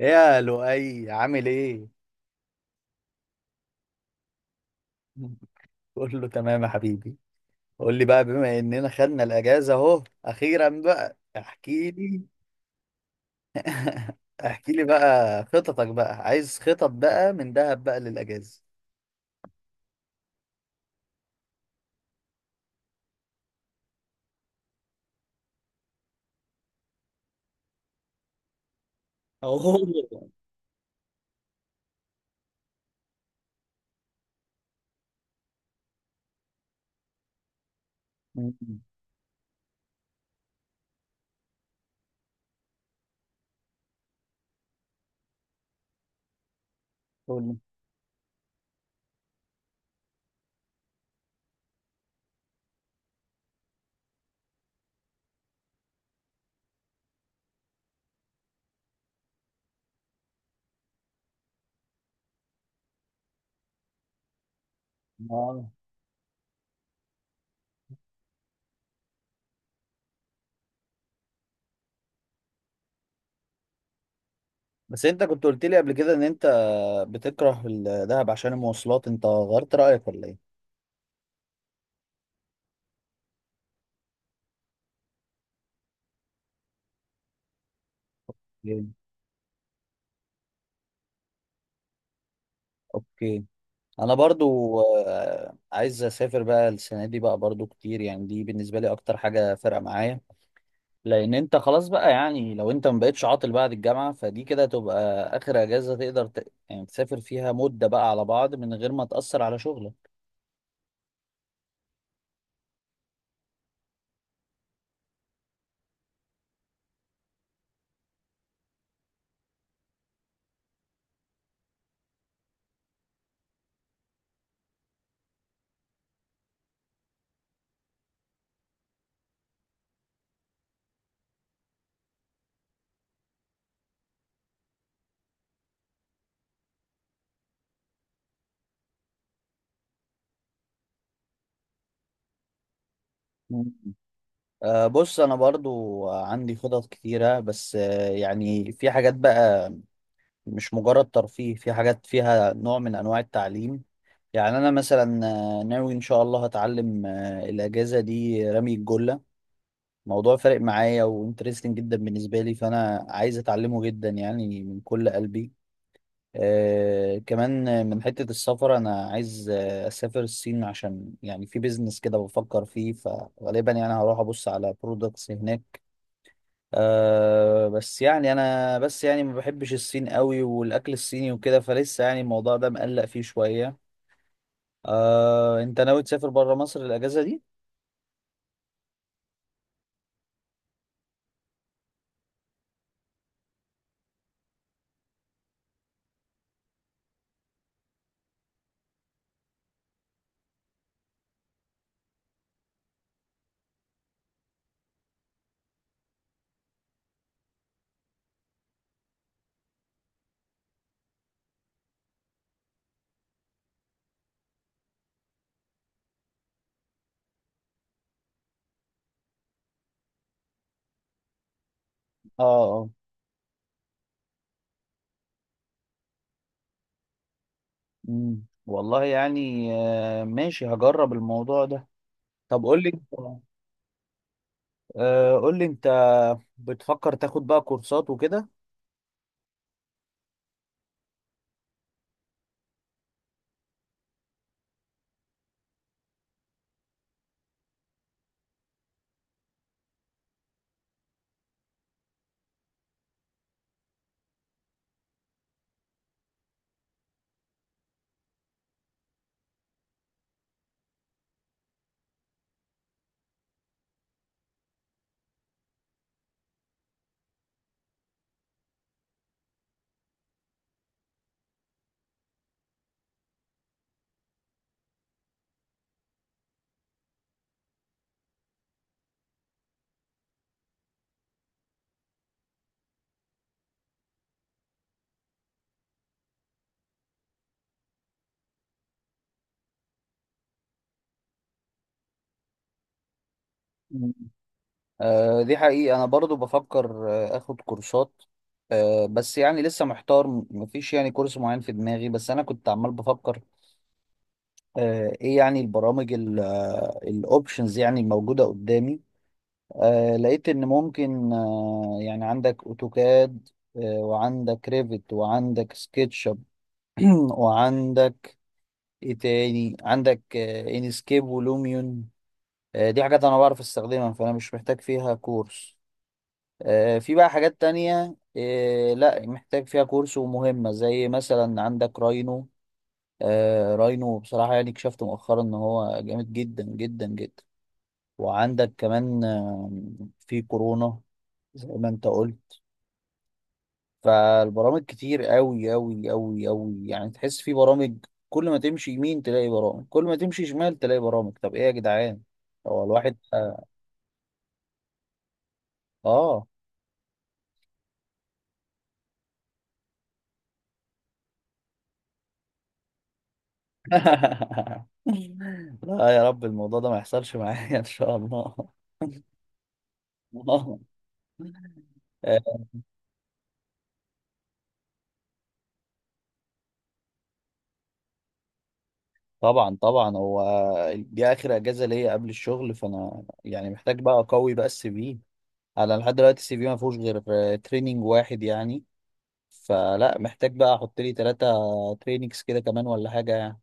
ايه يا لؤي عامل ايه؟ كله تمام يا حبيبي. قول لي بقى، بما اننا خدنا الاجازه اهو اخيرا بقى احكي لي. احكي لي بقى خططك بقى، عايز خطط بقى من دهب بقى للاجازه. أوه. مم. قول لي. آه. بس انت كنت قلت لي قبل كده ان انت بتكره الدهب عشان المواصلات، انت غيرت رايك ولا ايه؟ إيه. اوكي. انا برضو عايز اسافر بقى السنه دي بقى برضو كتير، يعني دي بالنسبه لي اكتر حاجه فارقه معايا. لان انت خلاص بقى، يعني لو انت ما بقتش عاطل بعد الجامعه فدي كده تبقى اخر اجازه تقدر يعني تسافر فيها مده بقى على بعض من غير ما تاثر على شغلك. مم. أه بص، انا برضو عندي خطط كتيره، بس أه يعني في حاجات بقى مش مجرد ترفيه، في حاجات فيها نوع من انواع التعليم. يعني انا مثلا ناوي ان شاء الله هتعلم الاجازه دي رمي الجله. موضوع فارق معايا وانترستنج جدا بالنسبه لي، فانا عايز اتعلمه جدا يعني من كل قلبي. آه كمان من حتة السفر، أنا عايز أسافر الصين عشان يعني في بيزنس كده بفكر فيه، فغالبا يعني هروح أبص على برودكتس هناك. آه بس يعني أنا بس يعني ما بحبش الصين قوي، والأكل الصيني وكده فلسه، يعني الموضوع ده مقلق فيه شوية. آه، أنت ناوي تسافر برا مصر الأجازة دي؟ آه آه. مم. والله يعني آه ماشي، هجرب الموضوع ده. طب قول لي، آه قول لي أنت، بتفكر تاخد بقى كورسات وكده؟ آه، دي حقيقة أنا برضو بفكر أخد كورسات. آه، بس يعني لسه محتار، مفيش يعني كورس معين في دماغي، بس أنا كنت عمال بفكر آه، إيه يعني البرامج، الأوبشنز يعني الموجودة قدامي. آه، لقيت إن ممكن آه، يعني عندك أوتوكاد، وعندك ريفت وعندك سكتش اب وعندك إيه تاني، عندك إنسكيب ولوميون. آه، دي حاجات أنا بعرف أستخدمها فأنا مش محتاج فيها كورس. آه، في بقى حاجات تانية آه، لا محتاج فيها كورس ومهمة زي مثلا عندك راينو. آه، راينو بصراحة يعني اكتشفت مؤخرا ان هو جامد جدا جدا جدا. وعندك كمان في كورونا زي ما انت قلت. فالبرامج كتير قوي قوي قوي قوي، يعني تحس في برامج، كل ما تمشي يمين تلاقي برامج، كل ما تمشي شمال تلاقي برامج. طب ايه يا جدعان، هو الواحد اه. آه. لا يا رب الموضوع ده ما يحصلش معايا ان شاء الله. آه، طبعا طبعا. هو دي اخر اجازه ليا قبل الشغل، فانا يعني محتاج بقى اقوي بقى السي في. انا لحد دلوقتي السي في ما فيهوش غير تريننج واحد يعني، فلا محتاج بقى احط لي ثلاثه تريننجز كده كمان ولا حاجه يعني.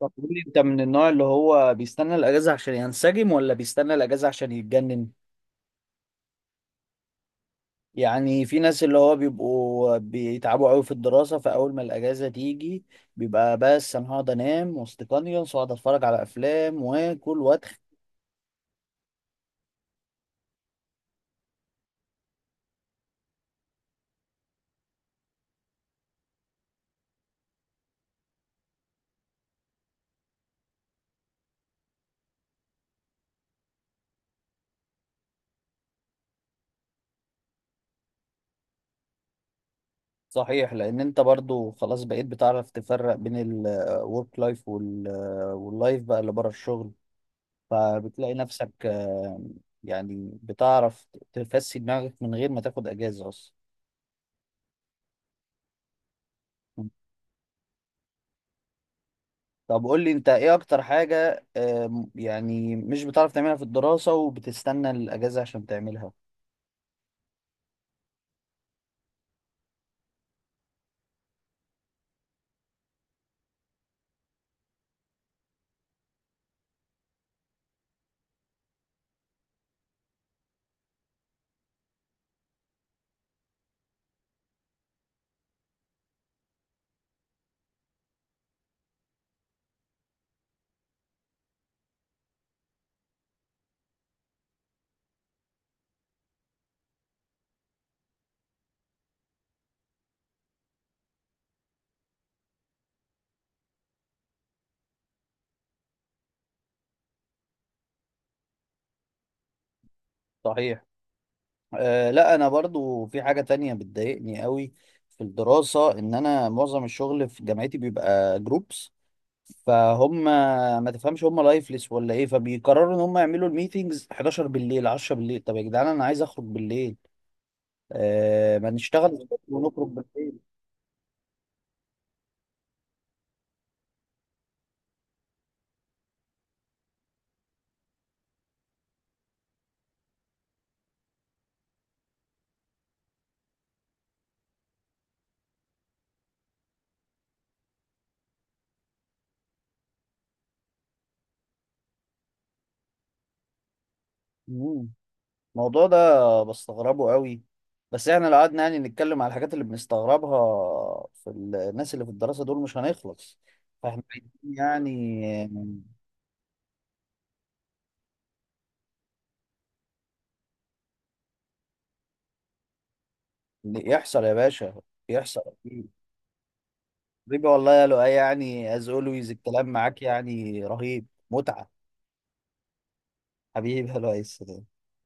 طب قول لي، انت من النوع اللي هو بيستنى الاجازه عشان ينسجم ولا بيستنى الاجازه عشان يتجنن؟ يعني في ناس اللي هو بيبقوا بيتعبوا قوي في الدراسة، فأول ما الأجازة تيجي بيبقى بس أنا هقعد أنام واستيقظ، وأقعد أتفرج على أفلام وآكل وأتخ. صحيح، لأن أنت برضو خلاص بقيت بتعرف تفرق بين الورك لايف واللايف بقى اللي بره الشغل، فبتلاقي نفسك يعني بتعرف تفسي دماغك من غير ما تاخد أجازة أصلا. طب قول لي أنت، إيه أكتر حاجة يعني مش بتعرف تعملها في الدراسة وبتستنى الأجازة عشان تعملها؟ صحيح. أه لا انا برضو في حاجة تانية بتضايقني قوي في الدراسة، ان انا معظم الشغل في جامعتي بيبقى جروبس، فهم ما تفهمش هم لايفلس ولا ايه، فبيقرروا ان هم يعملوا الميتينجز 11 بالليل، 10 بالليل. طب يا جدعان انا عايز اخرج بالليل. أه، ما نشتغل الصبح ونخرج بالليل. مم. الموضوع ده بستغربه قوي، بس احنا لو قعدنا يعني نتكلم على الحاجات اللي بنستغربها في الناس اللي في الدراسة دول مش هنخلص، فاحنا عايزين يعني. يحصل يا باشا، يحصل اكيد. حبيبي والله يا لؤي، يعني از اولويز الكلام معاك يعني رهيب. متعة. حبيبي يا لؤي.